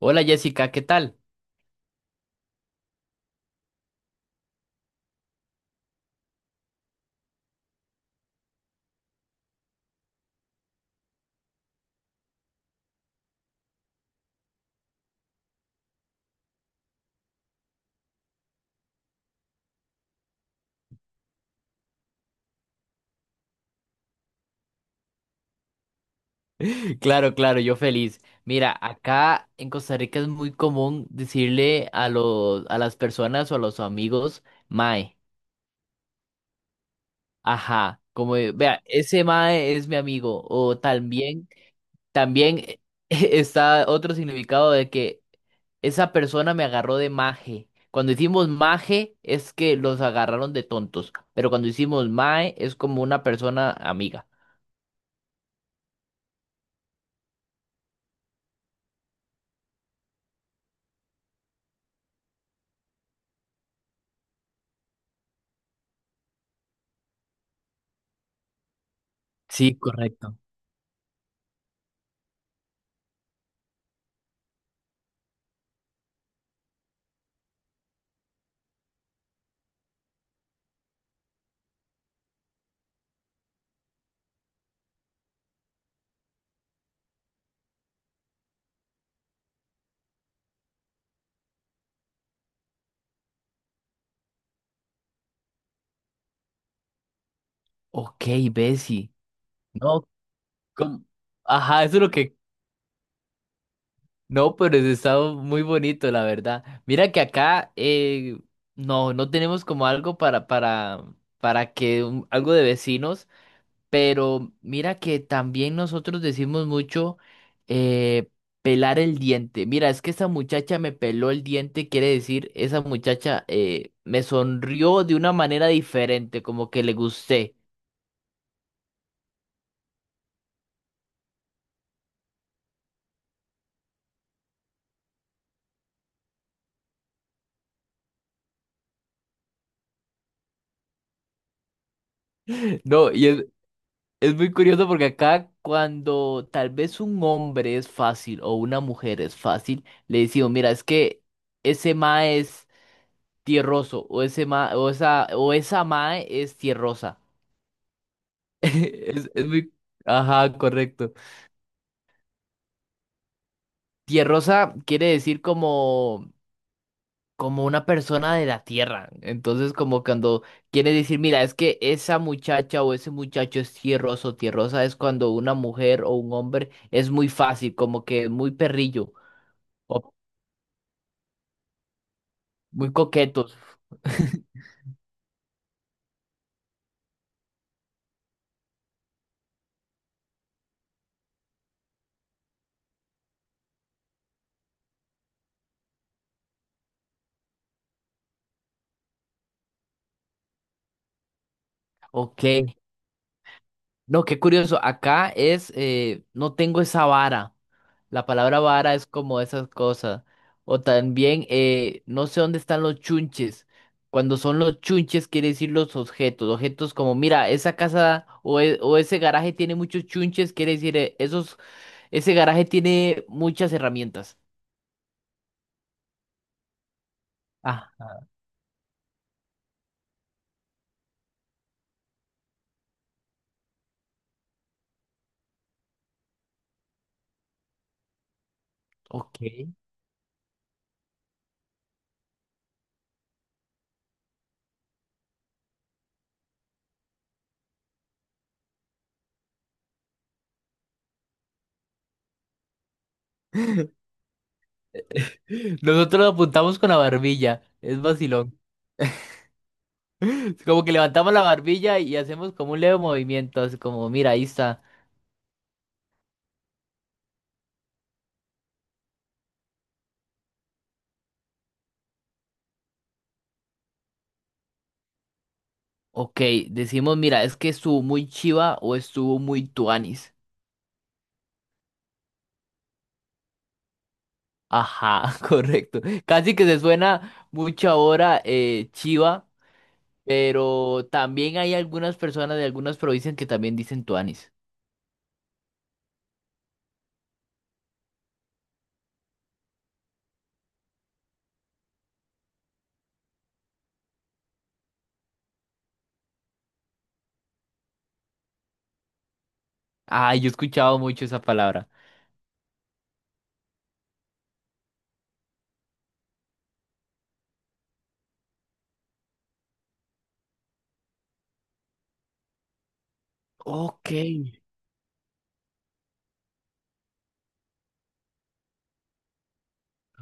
Hola Jessica, ¿qué tal? Claro, claro, yo feliz. Mira, acá en Costa Rica es muy común decirle a las personas o a los amigos, mae, ajá, como de, vea, ese mae es mi amigo. O también, también, está otro significado de que esa persona me agarró de maje. Cuando decimos maje es que los agarraron de tontos, pero cuando decimos mae es como una persona amiga. Sí, correcto. Ok, Bessie. No, como... Ajá, eso es lo que... No, pero es... está muy bonito, la verdad. Mira que acá no, no tenemos como algo para que un... algo de vecinos, pero mira que también nosotros decimos mucho eh, pelar el diente. Mira, es que esa muchacha me peló el diente, quiere decir, esa muchacha me sonrió de una manera diferente, como que le gusté. No, y es... es muy curioso porque acá cuando tal vez un hombre es fácil o una mujer es fácil, le decimos, mira, es que ese ma es tierroso o ese ma o esa ma es tierrosa. Es muy... ajá, correcto. Tierrosa quiere decir como como una persona de la tierra. Entonces, como cuando quiere decir, mira, es que esa muchacha o ese muchacho es tierroso, tierrosa es cuando una mujer o un hombre es muy fácil, como que muy perrillo. O... muy coquetos. Ok. No, qué curioso. Acá es, no tengo esa vara. La palabra vara es como esas cosas. O también, no sé dónde están los chunches. Cuando son los chunches, quiere decir los objetos. Objetos como, mira, esa casa o, e... o ese garaje tiene muchos chunches, quiere decir, esos, ese garaje tiene muchas herramientas. Ah, ok. Nosotros lo apuntamos con la barbilla. Es vacilón. Como que levantamos la barbilla y hacemos como un leve movimiento, así como, mira, ahí está. Ok, decimos, mira, es que estuvo muy chiva o estuvo muy tuanis. Ajá, correcto. Casi que se suena mucho ahora chiva, pero también hay algunas personas de algunas provincias que también dicen tuanis. Ah, yo he escuchado mucho esa palabra. Ok.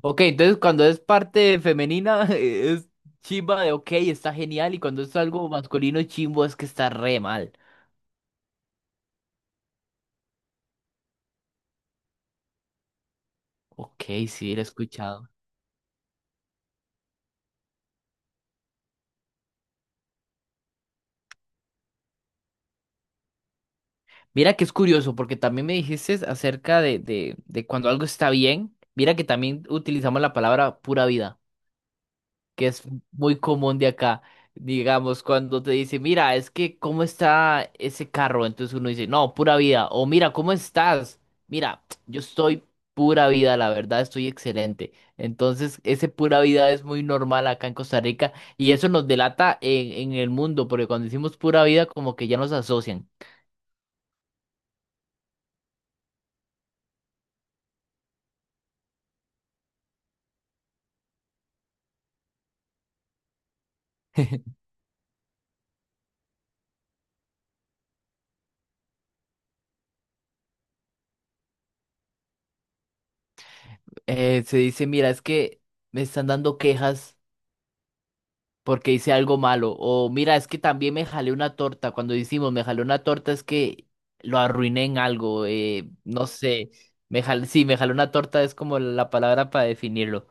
Ok, entonces cuando es parte femenina es chiva de ok, está genial, y cuando es algo masculino chimbo es que está re mal. Ok, sí, lo he escuchado. Mira que es curioso, porque también me dijiste acerca de cuando algo está bien. Mira que también utilizamos la palabra pura vida, que es muy común de acá. Digamos, cuando te dice, mira, es que cómo está ese carro, entonces uno dice, no, pura vida. O mira, ¿cómo estás? Mira, yo estoy pura vida, la verdad, estoy excelente. Entonces, ese pura vida es muy normal acá en Costa Rica y eso nos delata en el mundo, porque cuando decimos pura vida, como que ya nos asocian. Se dice, mira, es que me están dando quejas porque hice algo malo. O mira, es que también me jalé una torta. Cuando decimos me jalé una torta es que lo arruiné en algo. No sé, me jalé, sí, me jalé una torta es como la palabra para definirlo.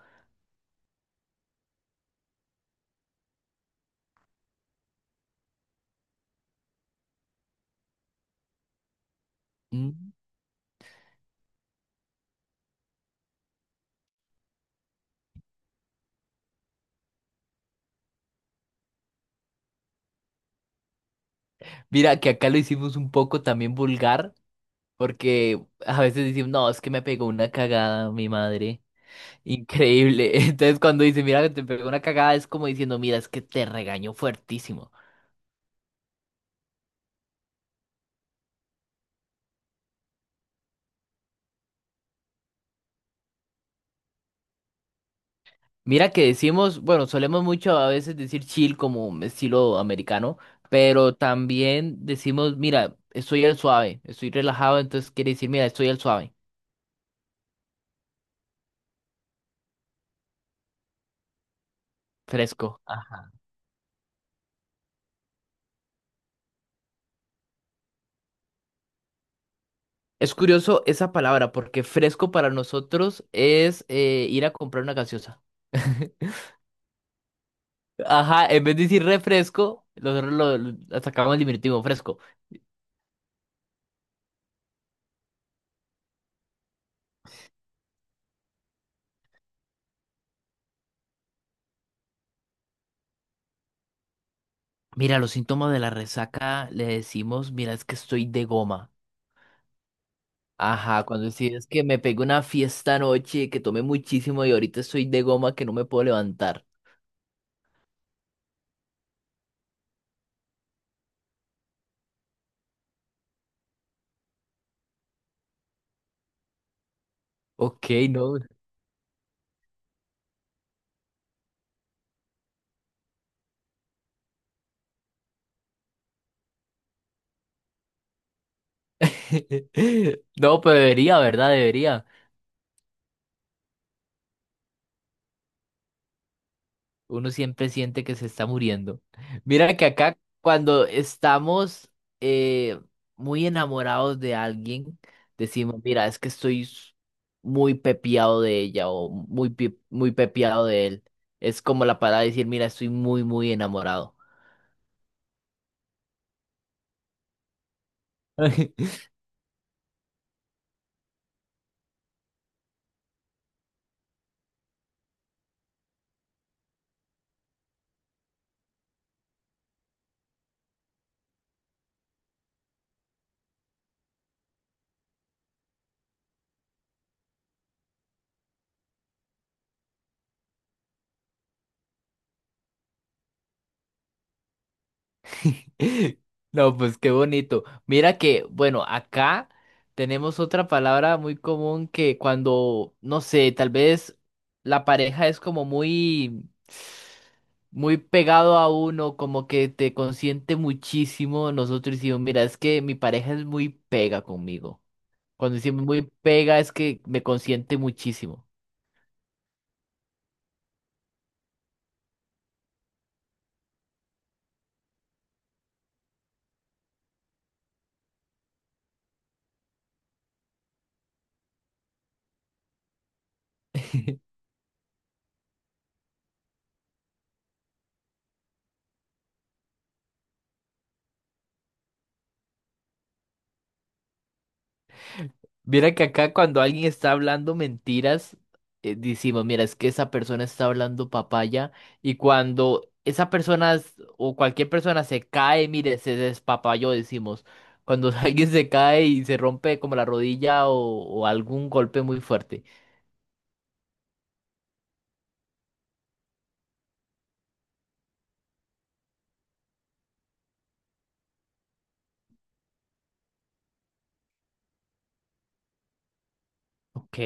Mm. Mira, que acá lo hicimos un poco también vulgar porque a veces decimos, no, es que me pegó una cagada mi madre. Increíble. Entonces cuando dice, mira, que te pegó una cagada es como diciendo, mira, es que te regañó fuertísimo. Mira que decimos, bueno, solemos mucho a veces decir chill como un estilo americano, pero también decimos, mira, estoy al suave, estoy relajado, entonces quiere decir, mira, estoy al suave, fresco. Ajá. Es curioso esa palabra, porque fresco para nosotros es ir a comprar una gaseosa. Ajá, en vez de decir refresco, nosotros lo sacamos el diminutivo fresco. Mira, los síntomas de la resaca le decimos, mira, es que estoy de goma. Ajá, cuando sí que me pegué una fiesta anoche, que tomé muchísimo y ahorita estoy de goma que no me puedo levantar. Ok, no. No, pero debería, ¿verdad? Debería. Uno siempre siente que se está muriendo. Mira que acá cuando estamos eh, muy enamorados de alguien, decimos, mira, es que estoy s... muy pepiado de ella o muy, pe... muy pepiado de él. Es como la palabra de decir, mira, estoy muy, muy enamorado. No, pues qué bonito. Mira que, bueno, acá tenemos otra palabra muy común que cuando, no sé, tal vez la pareja es como muy, muy pegado a uno, como que te consiente muchísimo. Nosotros decimos, mira, es que mi pareja es muy pega conmigo. Cuando decimos muy pega es que me consiente muchísimo. Mira que acá cuando alguien está hablando mentiras, decimos, mira, es que esa persona está hablando papaya y cuando esa persona s... o cualquier persona se cae, mire, se despapayó, decimos. Cuando alguien se cae y se rompe como la rodilla o algún golpe muy fuerte. Ok.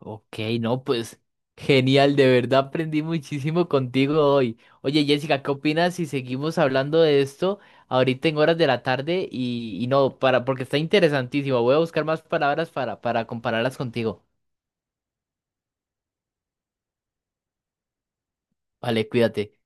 Ok, no, pues genial, de verdad aprendí muchísimo contigo hoy. Oye, Jessica, ¿qué opinas si seguimos hablando de esto ahorita en horas de la tarde? Y no, para, porque está interesantísimo. Voy a buscar más palabras para compararlas contigo. Vale, cuídate.